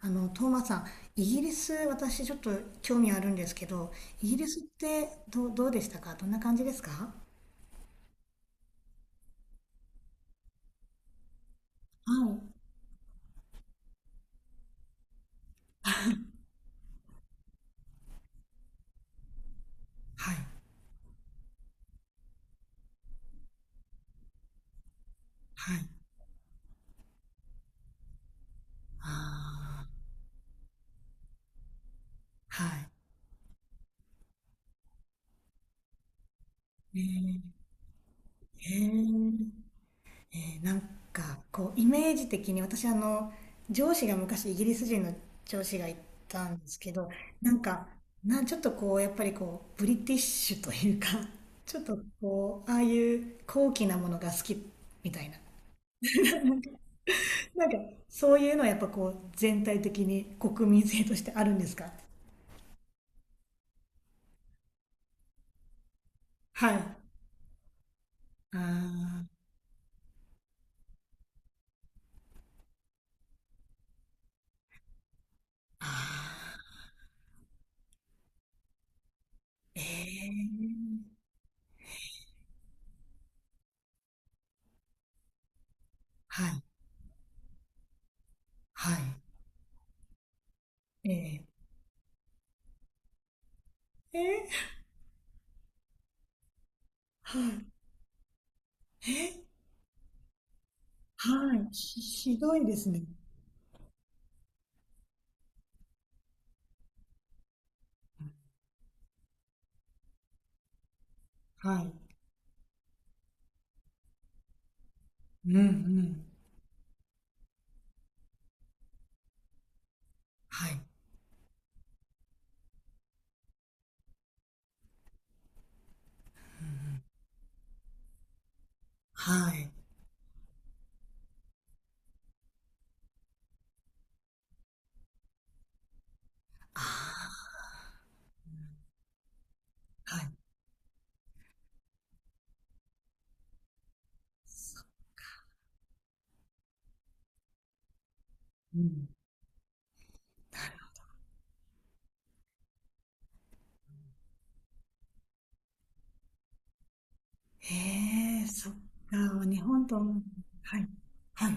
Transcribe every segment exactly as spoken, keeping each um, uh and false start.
あの、トーマスさん、イギリス、私ちょっと興味あるんですけど、イギリスってどう、どうでしたか？どんな感じですか？はい。はい。はい。ああ、はい。えー、えーえーなんか、こう、イメージ的に、私あの、上司が昔イギリス人の上司がいたんですけど、なんか、なん、ちょっとこう、やっぱりこう、ブリティッシュというか、ちょっとこう、ああいう高貴なものが好きみたいな。なんか、そういうのはやっぱこう、全体的に国民性としてあるんですか？はい。あーあー、ええ、はい、はい、えええーはい、えーはい、ひ、ひどいですね。はい、うん、うん、はい、はい、ああ、はい、うん。ええ、そっか。日本と、はい、はい。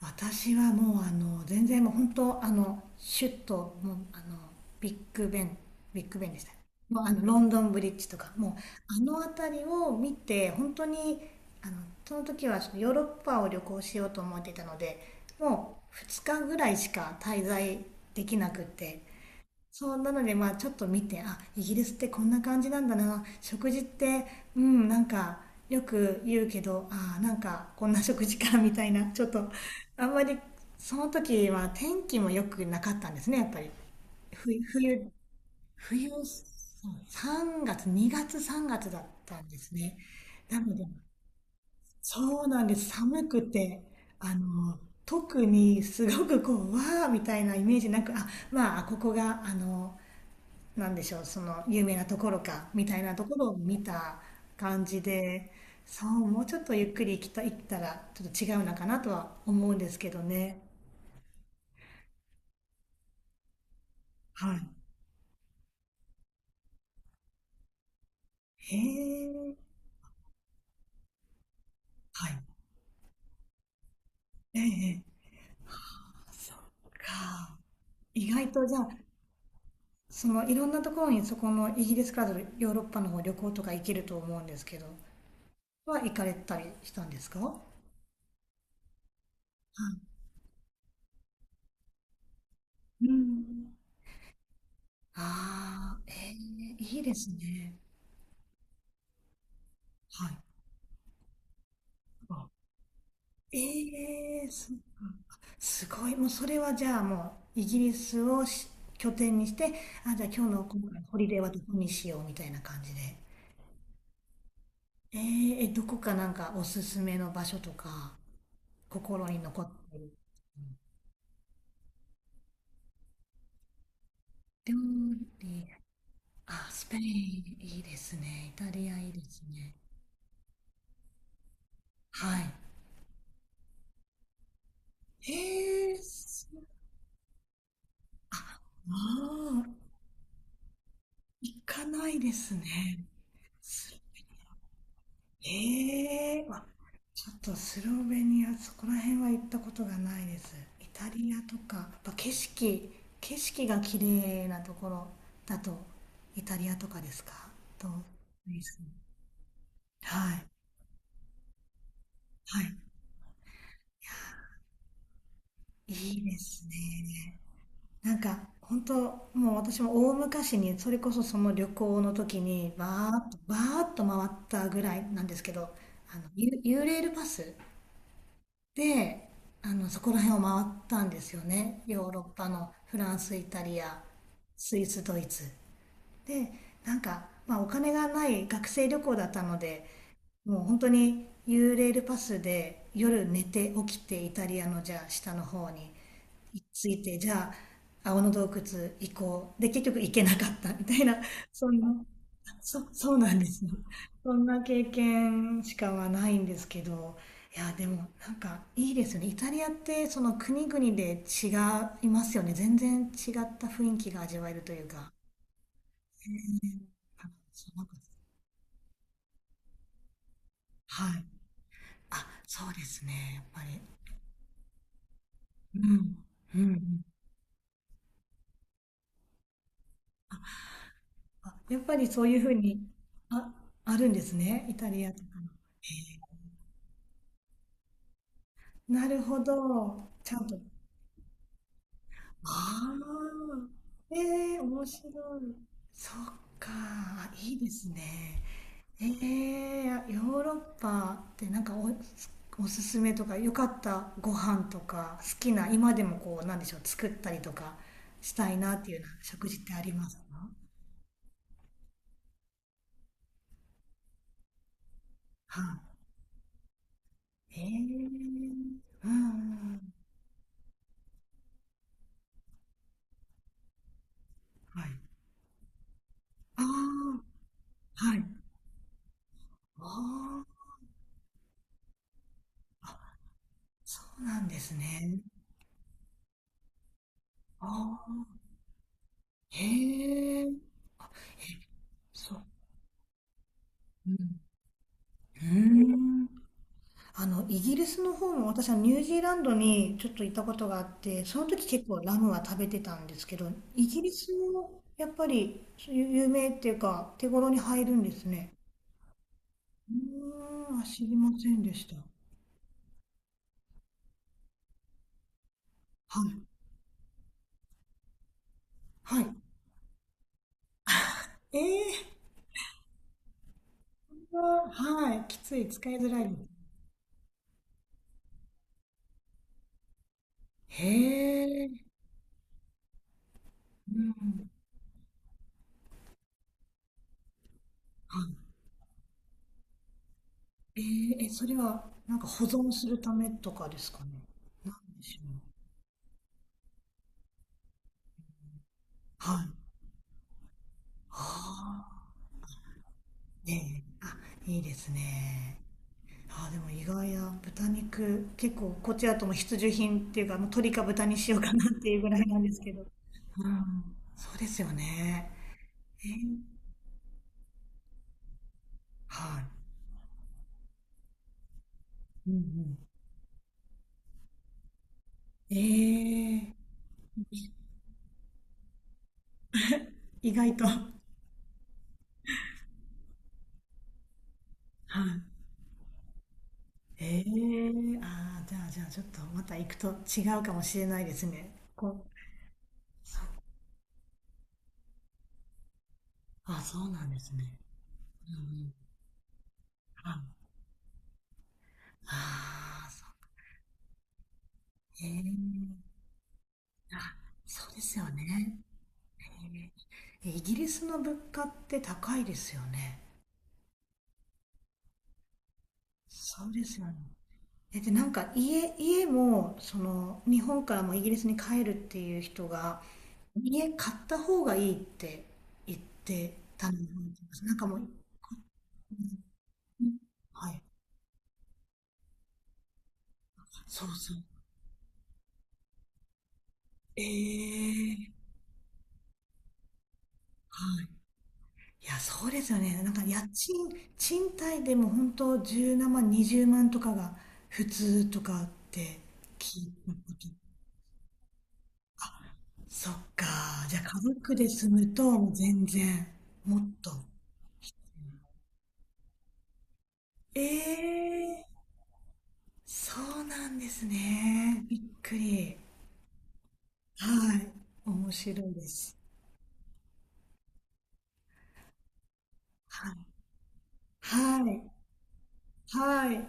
私はもうあの全然もう本当あのシュッともうあのビッグベンビッグベンでした。もうあのロンドンブリッジとか、もうあの辺りを見て本当に。あのその時はちょっとヨーロッパを旅行しようと思っていたので、もうふつかぐらいしか滞在できなくって、そうなので、まあちょっと見て、あ、イギリスってこんな感じなんだな、食事って、うん、なんかよく言うけど、あー、なんかこんな食事かみたいな、ちょっとあんまり。その時は天気も良くなかったんですね、やっぱり。冬冬冬。そう、さんがつ、にがつ、さんがつだったんですね。なので、そうなんです、寒くて。あの特にすごくこう、わーみたいなイメージなく、あ、まあ、ここがあのなんでしょう、その有名なところかみたいなところを見た感じで、そう、もうちょっとゆっくり行きた、行ったらちょっと違うのかなとは思うんですけどね。はい。へえ、はい。ええ、ええ、そっか。意外とじゃあ、そのいろんなところに、そこのイギリスからヨーロッパの方旅行とか行けると思うんですけど、は行かれたりしたんですか？はい。うん。ああ、ええ、いいですね。はい。あ、ええ、すすごい。もうそれはじゃあ、もうイギリスをし拠点にして、あ、じゃあ、今日のこのホリデーはどこにしようみたいな感じで。えー、えどこか、なんかおすすめの場所とか、心に残ってる料理。あ、スペイン、いいですね。イタリア、いいですね。はい。えー、すああー、行かないですね。ええーあ、ちょっとスロベニア、そこら辺は行ったことがないです。イタリアとか、やっぱ景色、景色が綺麗なところだと、イタリアとかですか、と、スイス、はい、はい。いいですね。なんか本当、もう私も大昔にそれこそその旅行の時にバーッとバーッと回ったぐらいなんですけど、あのユ、ユーレールパスで、あの、そこら辺を回ったんですよね。ヨーロッパのフランス、イタリア、スイス、ドイツ。で、なんか、まあ、お金がない学生旅行だったので、もう本当に U レールパスで夜寝て起きて、イタリアのじゃあ下の方に着いて、じゃあ青の洞窟行こう。で、結局行けなかったみたいな、そんな。そ、そうなんですね。そんな経験しかはないんですけど、いや、でもなんかいいですよね。イタリアってその国々で違いますよね。全然違った雰囲気が味わえるというか。えーあ、そう、なんか、はい。あ、そうですね。やっぱり。うん。うんうん。あ、やっぱりそういうふうに、あ、あるんですね。イタリアとかの。へえ、なるほど。ちゃんと。ああ、ええー面白い。そっか、あ、いいですね。ええーヨーロッパって、なんかお、おすすめとか、良かったご飯とか、好きな、今でもこう、なんでしょう、作ったりとかしたいなっていうような食事ってありますか？はい。ええ、うん、うん、はい。ああ、はい。ああ、そうなんですね。ああ、へえ、え、そう。うん、うーん。あの、イギリスの方も、私はニュージーランドにちょっと行ったことがあって、その時結構ラムは食べてたんですけど、イギリスもやっぱりそういう有名っていうか手頃に入るんですね。うーん、あ、知りませんでした。はい。はい。ええ、はい。きつい。使いづらいです。へえ。うん。はい。えーえ、それはなんか保存するためとかですかね。なんでしょう。はい。あ、ねえ、あ、いいですね。あ、でも意外や豚肉、結構こっちだともう必需品っていうか、もう鶏か豚にしようかなっていうぐらいなんですけど。うん、そうですよね。えー、はい。うんうん。えー、意外と。はい。えー、あー、じゃあじゃあちょっとまた行くと違うかもしれないですね。こう、そう、あ、そうなんですね。うんうん。はい。ああ、そう。えー、あ、そうですよね。イギリスの物価って高いですよね。そうですよね。え、で、なんか家、家も、その、日本からもイギリスに帰るっていう人が、家買った方がいいって言ってたのを覚えてます。なんかもう、はい。そうそう。ええ、はい。いや、そうですよね。なんか家賃、賃貸でも本当じゅうななまん、にじゅうまんとかが普通とかって聞いたこと。そっか。じゃあ家族で住むと、もう全然。もっと。ええーそうなんですね。びっくり。はい。面白いです。はい。はい。はい。